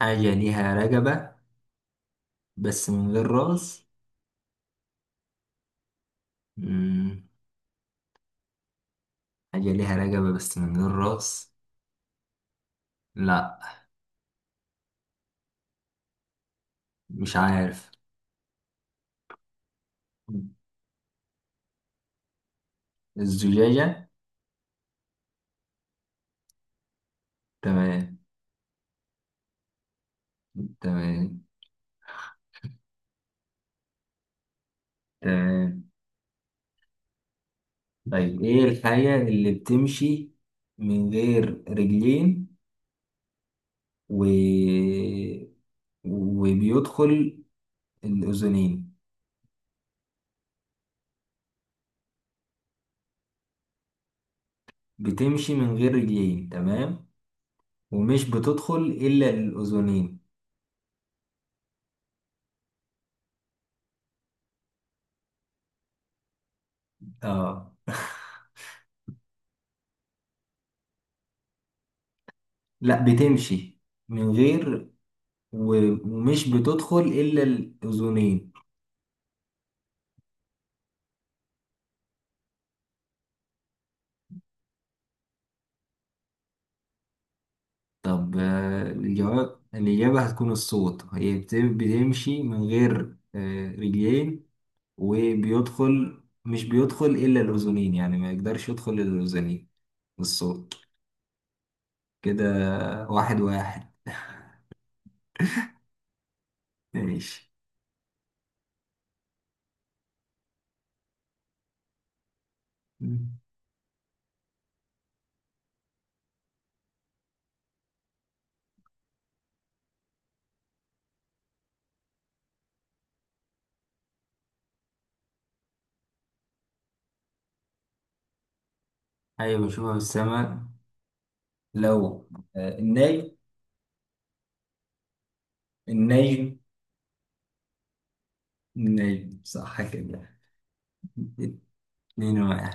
حاجة ليها رقبة، بس من غير راس. مم. حاجة ليها رقبة بس من غير راس. لا، مش عارف. الزجاجة. تمام. تمام. تمام. طيب، ايه الحاجة اللي بتمشي من غير رجلين و... وبيدخل الأذنين؟ بتمشي من غير رجلين، تمام، ومش بتدخل إلا الأذنين. اه. لا، بتمشي من غير. ومش بتدخل إلا الأذنين. طب الجواب، الإجابة هتكون الصوت، هي بتمشي من غير رجلين، وبيدخل، مش بيدخل إلا الأذنين، يعني ما يقدرش يدخل إلا الأذنين، الصوت. كده واحد واحد. ماشي. حاجة بشوفها في السماء، لو النجم. النجم. النجم صح كده. اتنين واحد.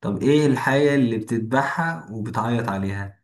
طب ايه الحاجة اللي بتذبحها وبتعيط عليها؟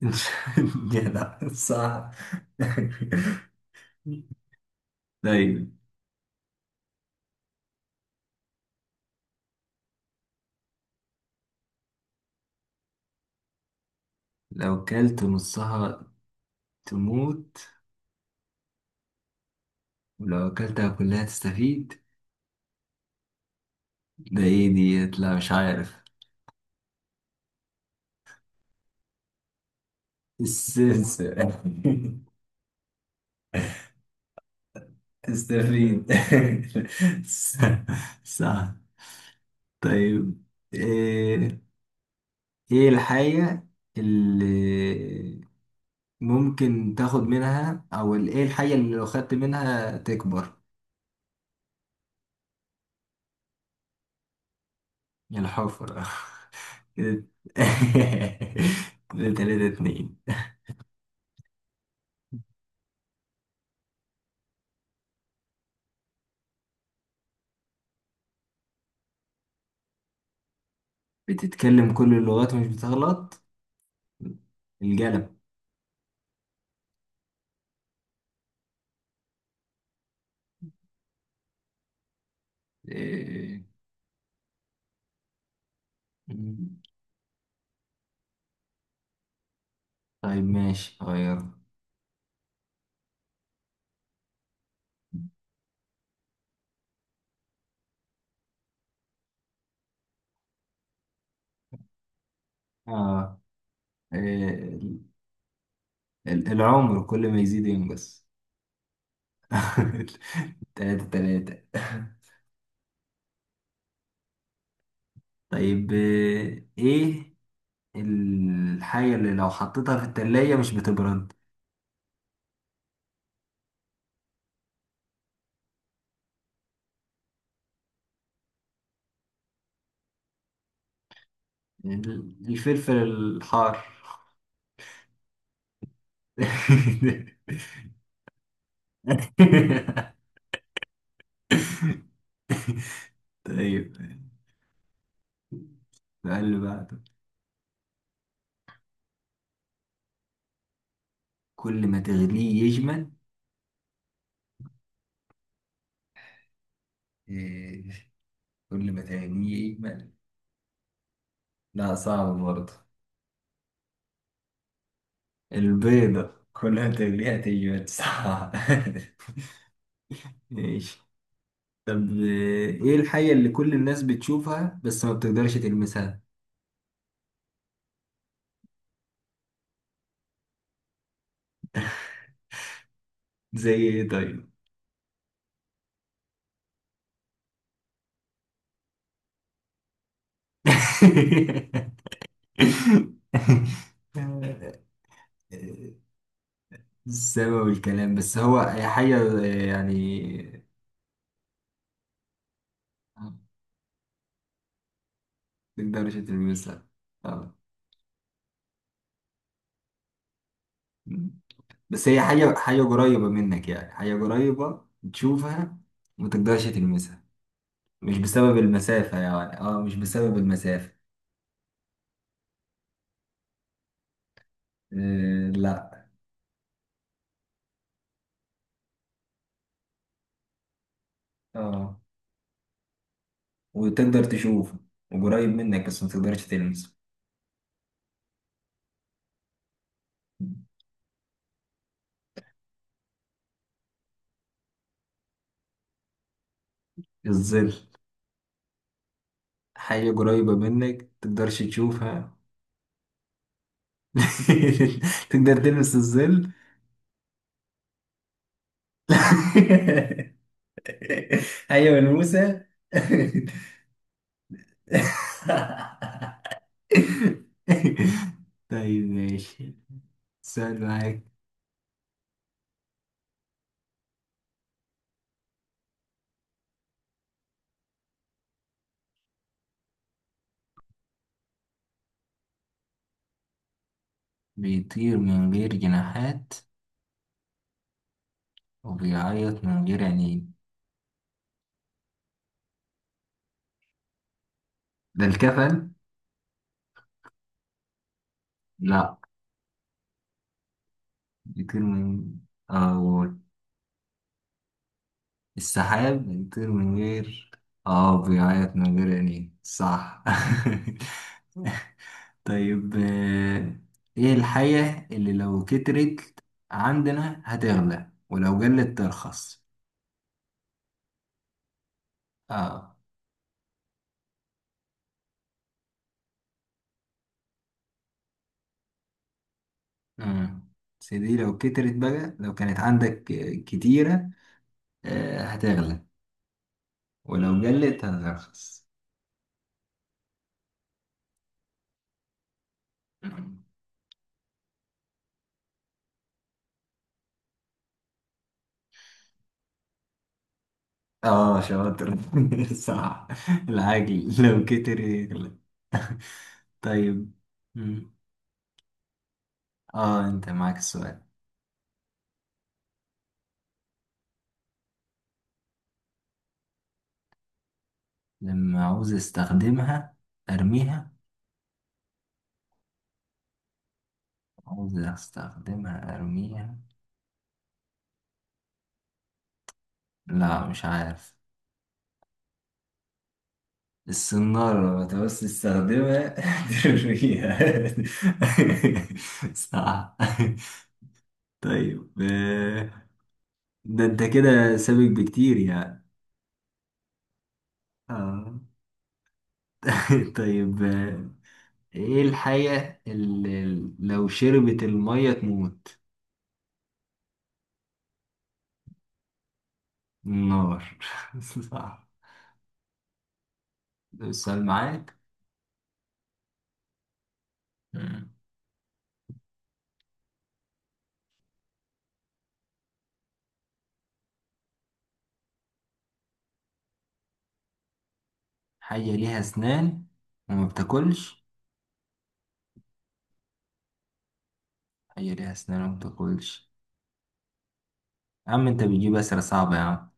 يا لا، صح. طيب، لو كلت نصها تموت ولو أكلتها كلها تستفيد، ده ايه ديت؟ لا مش عارف. السلسة. تستفيد. صح. طيب، ايه، إيه الحاجة اللي ممكن تاخد منها او ايه الحاجة اللي لو خدت منها تكبر؟ الحفرة. كده. كده تلاتة اتنين. بتتكلم كل اللغات ومش بتغلط. القلم. إيه. طيب ماشي، غير. اه. إيه. العمر كل ما يزيد ينقص. تلاتة تلاتة. طيب، ايه الحاجة اللي لو حطيتها في التلاجة مش بتبرد؟ الفلفل الحار. طيب. فقال له بقى، طب كل ما تغليه يجمل. إيه، كل ما تغليه يجمل. لا، صعب برضه. البيضة كل ما تغليها تجمل، صعب. ماشي. طب إيه، إيه الحاجة اللي كل الناس بتشوفها بس ما بتقدرش تلمسها؟ زي ايه طيب؟ السما والكلام، بس هو هي حاجة يعني ما تقدرش تلمسها. آه. بس هي حاجة، حاجة قريبة منك، يعني حاجة قريبة تشوفها وما تقدرش تلمسها، مش بسبب المسافة يعني. اه مش بسبب المسافة. آه لا. اه، وتقدر تشوفه وقريب منك بس ما تقدرش تلمسه. الظل. حاجة قريبة منك تقدرش تشوفها. تقدر تلمس الظل؟ حاجة ملموسة. طيب ماشي. سؤال معاك. بيطير من غير جناحات وبيعيط من غير عينين، ده الكفل؟ لا. بيطير من، أو السحاب بيطير من غير. اه، بيعيط من غير عينين، صح. طيب، ايه الحاجة اللي لو كترت عندنا هتغلى ولو قلت ترخص؟ اه. امم، بس دي لو كترت بقى، لو كانت عندك كتيرة، هتغلى ولو قلت هترخص. اه شاطر. صح. العجل لو كتر يغلب. طيب. مم. اه، انت معاك السؤال. لما عاوز استخدمها ارميها. عاوز استخدمها ارميها، لا مش عارف. السنارة، لما تعوز تستخدمها ترميها. صح. طيب، ده انت كده سابق بكتير يعني. اه. طيب، ايه الحاجة اللي لو شربت المية تموت؟ النار. صح. ده السؤال معاك. مم. حاجة ليها أسنان وما بتاكلش. حاجة ليها أسنان وما بتاكلش، يا عم أنت بتجيب أسئلة صعبة يا عم.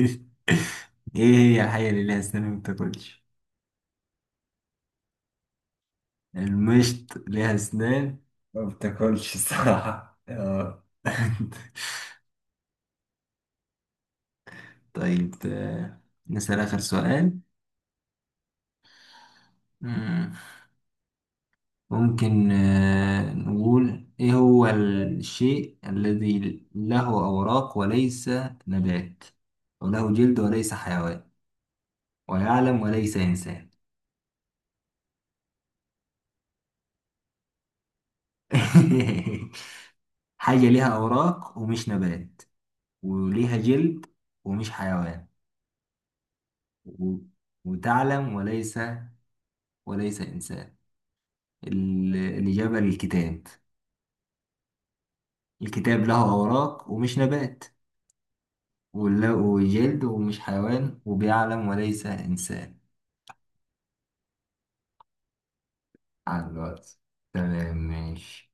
إيه هي الحاجة اللي ليها أسنان وما بتاكلش؟ المشط ليها أسنان، ما بتاكلش الصراحة. آه. طيب، نسأل آخر سؤال. مم. ممكن نقول، إيه هو الشيء الذي له أوراق وليس نبات، وله جلد وليس حيوان، ويعلم وليس إنسان؟ حاجة ليها أوراق ومش نبات وليها جلد ومش حيوان و- وتعلم وليس، وليس إنسان. الإجابة للكتاب. الكتاب له أوراق ومش نبات، وله جلد ومش حيوان، وبيعلم وليس إنسان. على الواتس. تمام ماشي.